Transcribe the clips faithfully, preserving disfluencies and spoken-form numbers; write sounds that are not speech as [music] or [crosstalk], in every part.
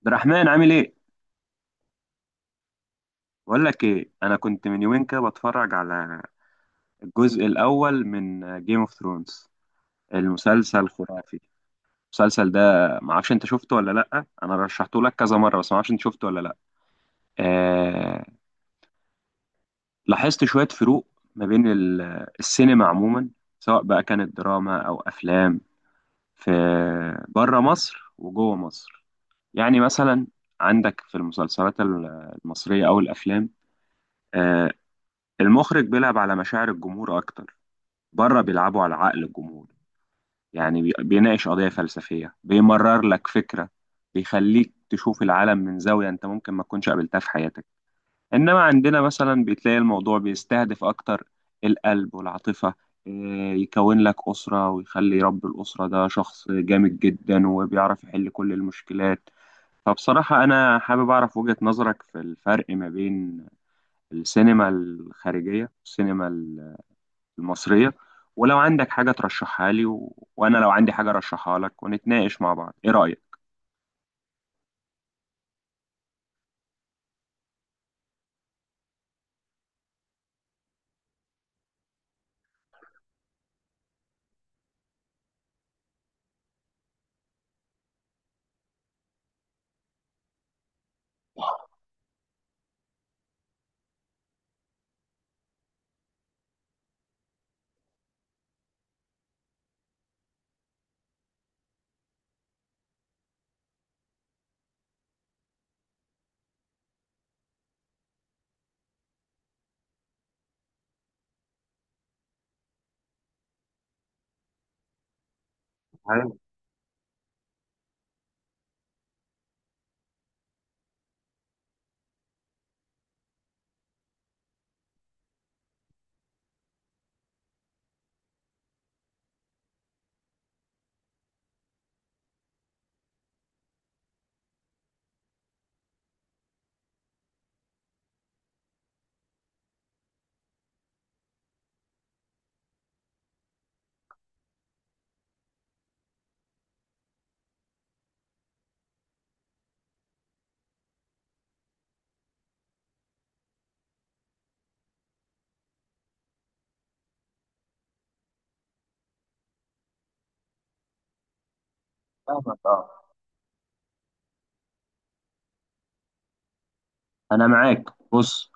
عبد الرحمن عامل ايه؟ بقول لك ايه، انا كنت من يومين كده بتفرج على الجزء الاول من جيم اوف ثرونز. المسلسل خرافي. المسلسل ده ما اعرفش انت شفته ولا لا، انا رشحته لك كذا مره، بس ما اعرفش انت شفته ولا لا. آه... لاحظت شويه فروق ما بين ال- السينما عموما، سواء بقى كانت دراما او افلام، في بره مصر وجوه مصر. يعني مثلا عندك في المسلسلات المصريه او الافلام، آه، المخرج بيلعب على مشاعر الجمهور اكتر. بره بيلعبوا على عقل الجمهور، يعني بي- بيناقش قضية فلسفية، بيمرر لك فكرة، بيخليك تشوف العالم من زاوية انت ممكن ما تكونش قابلتها في حياتك. انما عندنا مثلا بتلاقي الموضوع بيستهدف اكتر القلب والعاطفة، إيه، يكون لك أسرة ويخلي رب الأسرة ده شخص جامد جدا وبيعرف يحل كل المشكلات. فبصراحة أنا حابب أعرف وجهة نظرك في الفرق ما بين السينما الخارجية والسينما المصرية، ولو عندك حاجة ترشحها لي و... وأنا لو عندي حاجة أرشحها لك ونتناقش مع بعض، إيه رأيك؟ أيوة، فاهمك اه. أنا معاك. بص،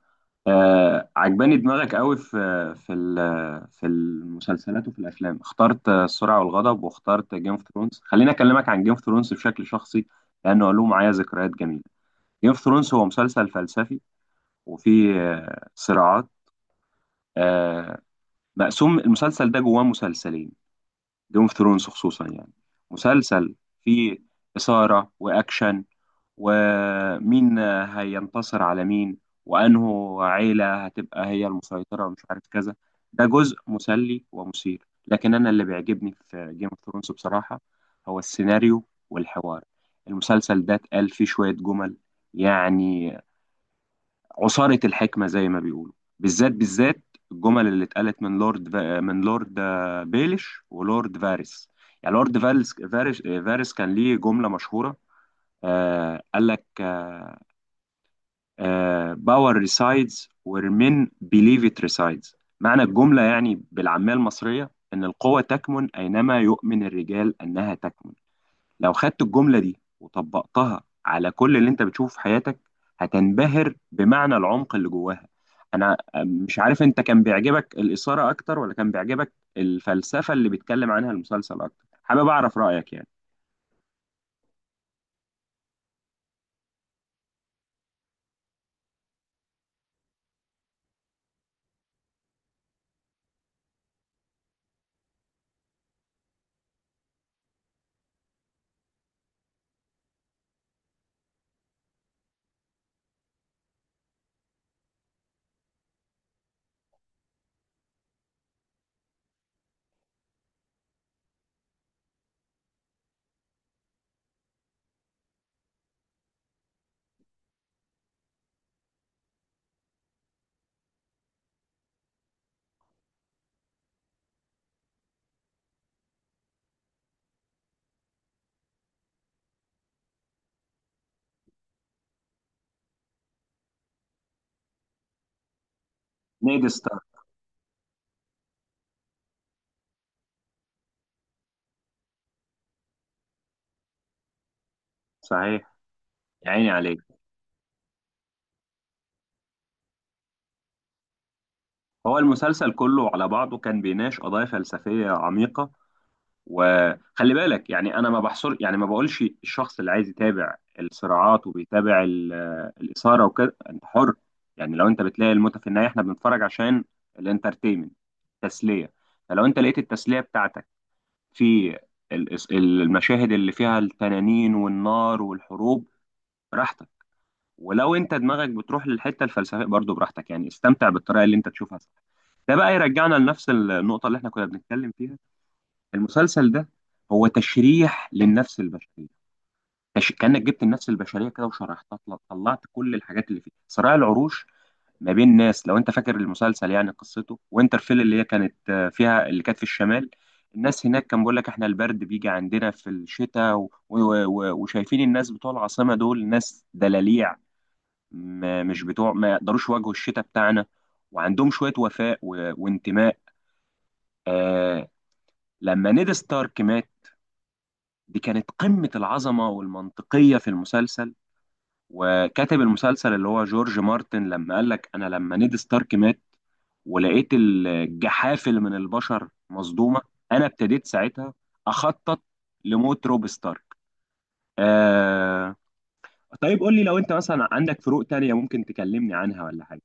آه عجباني دماغك قوي في في ال- في المسلسلات وفي الأفلام. اخترت آه، السرعة والغضب، واخترت جيم اوف ثرونز. خليني أكلمك عن جيم اوف ثرونز بشكل شخصي لأنه له معايا ذكريات جميلة. جيم اوف ثرونز هو مسلسل فلسفي، وفيه آه صراعات. آه، مقسوم المسلسل ده جواه مسلسلين. جيم اوف ثرونز خصوصا، يعني مسلسل فيه إثارة وأكشن، ومين هينتصر على مين، وأنه عيلة هتبقى هي المسيطرة ومش عارف كذا. ده جزء مسلي ومثير، لكن أنا اللي بيعجبني في جيم اوف ثرونز بصراحة هو السيناريو والحوار. المسلسل ده اتقال فيه شوية جمل يعني عصارة الحكمة زي ما بيقولوا، بالذات بالذات الجمل اللي اتقالت من لورد فا... من لورد آه، بيليش ولورد فارس. يعني لورد فارس فارس, آه، فارس كان ليه جملة مشهورة. آه قال لك باور ريسايدز وير مين بيليف ات ريسايدز. معنى الجملة يعني بالعامية المصرية إن القوة تكمن أينما يؤمن الرجال أنها تكمن. لو خدت الجملة دي وطبقتها على كل اللي انت بتشوفه في حياتك هتنبهر بمعنى العمق اللي جواها. انا مش عارف انت كان بيعجبك الإثارة اكتر ولا كان بيعجبك الفلسفة اللي بيتكلم عنها المسلسل اكتر. حابب اعرف رأيك يعني. نيد ستارك. صحيح. يا عيني عليك. هو المسلسل كله على بعضه كان بيناقش قضايا فلسفية عميقة. وخلي بالك يعني انا ما بحصر، يعني ما بقولش الشخص اللي عايز يتابع الصراعات وبيتابع ال- الاثاره وكده انت حر. يعني لو انت بتلاقي المتعه في النهايه احنا بنتفرج عشان الانترتينمنت، تسليه. فلو انت لقيت التسليه بتاعتك في ال- المشاهد اللي فيها التنانين والنار والحروب، براحتك. ولو انت دماغك بتروح للحته الفلسفيه برضو براحتك. يعني استمتع بالطريقه اللي انت تشوفها، صح. ده بقى يرجعنا لنفس النقطه اللي احنا كنا بنتكلم فيها. المسلسل ده هو تشريح للنفس البشريه. تش... كانك جبت النفس البشريه كده وشرحتها، طل- طلعت كل الحاجات اللي فيه صراع العروش ما بين ناس، لو انت فاكر المسلسل يعني قصته، وينترفيل اللي هي كانت آه، فيها، اللي كانت في الشمال. الناس هناك كان بيقول لك احنا البرد بيجي عندنا في الشتاء و... و... و... وشايفين الناس بتوع العاصمه دول ناس دلاليع، ما... مش بتوع، ما يقدروش يواجهوا الشتاء بتاعنا. وعندهم شويه وفاء و... وانتماء. آه... لما نيد ستارك مات، دي كانت قمة العظمة والمنطقية في المسلسل. وكاتب المسلسل اللي هو جورج مارتن لما قال لك أنا لما نيد ستارك مات ولقيت الجحافل من البشر مصدومة، أنا ابتديت ساعتها أخطط لموت روب ستارك. آه... طيب قول لي لو أنت مثلا عندك فروق تانية ممكن تكلمني عنها ولا حاجة.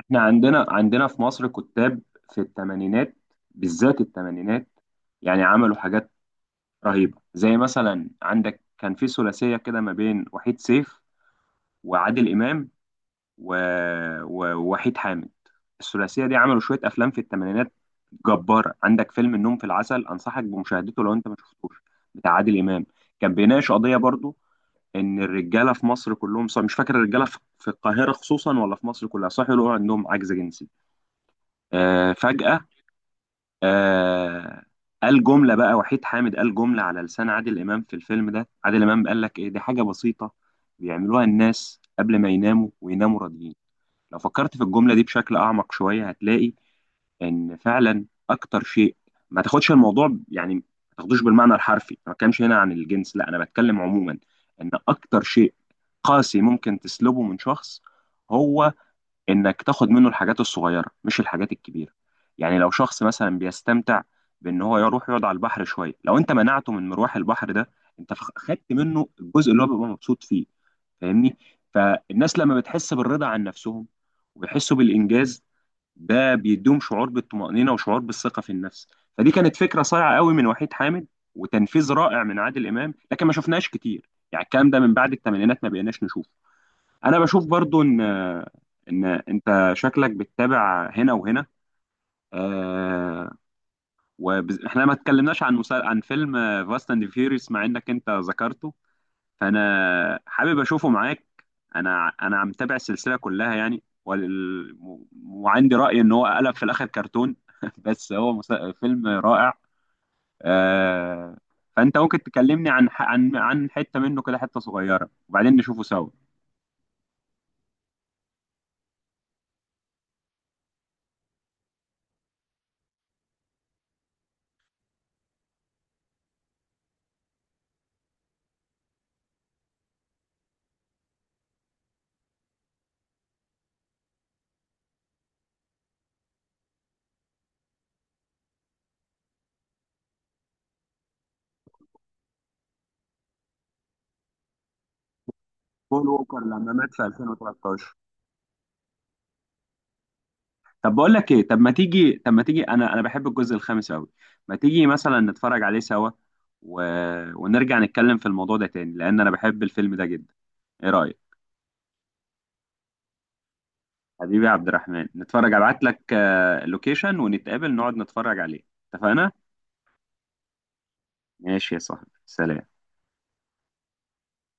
احنا عندنا عندنا في مصر كتاب في الثمانينات، بالذات الثمانينات، يعني عملوا حاجات رهيبة. زي مثلا عندك كان في ثلاثية كده ما بين وحيد سيف وعادل إمام و... و- ووحيد حامد. الثلاثية دي عملوا شوية أفلام في الثمانينات جبارة. عندك فيلم النوم في العسل، أنصحك بمشاهدته لو أنت ما شفتوش، بتاع عادل إمام. كان بيناقش قضية برضو إن الرجالة في مصر كلهم، صح مش فاكر الرجالة في في القاهرة خصوصا ولا في مصر كلها، صح يقولوا عندهم عجز جنسي آه، فجأة. آه، قال جملة بقى وحيد حامد، قال جملة على لسان عادل إمام في الفيلم ده. عادل إمام قال لك إيه، دي حاجة بسيطة بيعملوها الناس قبل ما يناموا ويناموا راضيين. لو فكرت في الجملة دي بشكل أعمق شوية هتلاقي إن فعلا أكتر شيء، ما تاخدش الموضوع ب- يعني ما تاخدوش بالمعنى الحرفي. أنا ما بتكلمش هنا عن الجنس، لا أنا بتكلم عموما. إن أكتر شيء قاسي ممكن تسلبه من شخص هو انك تاخد منه الحاجات الصغيره مش الحاجات الكبيره. يعني لو شخص مثلا بيستمتع بان هو يروح يقعد على البحر شويه، لو انت منعته من مروح البحر ده، انت فخ- خدت منه الجزء اللي هو بيبقى مبسوط فيه، فاهمني. فالناس لما بتحس بالرضا عن نفسهم وبيحسوا بالانجاز، ده بيديهم شعور بالطمأنينه وشعور بالثقه في النفس. فدي كانت فكره صايعه قوي من وحيد حامد، وتنفيذ رائع من عادل امام. لكن ما شفناهاش كتير، يعني الكلام ده من بعد الثمانينات ما بقيناش نشوفه. انا بشوف برضو ان ان انت شكلك بتتابع هنا وهنا. آه، واحنا ما اتكلمناش عن مسا... عن فيلم فاست اند فيوريوس مع انك انت ذكرته، فانا حابب اشوفه معاك. انا انا عم متابع السلسله كلها يعني وال... وعندي راي ان هو قلب في الاخر كرتون. [laughs] بس هو مسا... فيلم رائع آه. فانت ممكن تكلمني عن ح... عن عن حته منه كده، حته صغيره، وبعدين نشوفه سوا. بول ووكر لما مات في الفين وتلتاشر. طب بقول لك ايه، طب ما تيجي طب ما تيجي انا انا بحب الجزء الخامس قوي. ما تيجي مثلا نتفرج عليه سوا و... ونرجع نتكلم في الموضوع ده تاني، لان انا بحب الفيلم ده جدا. ايه رأيك؟ حبيبي يا عبد الرحمن، نتفرج. ابعت لك اللوكيشن ونتقابل نقعد نتفرج عليه. اتفقنا؟ ماشي يا صاحبي، سلام.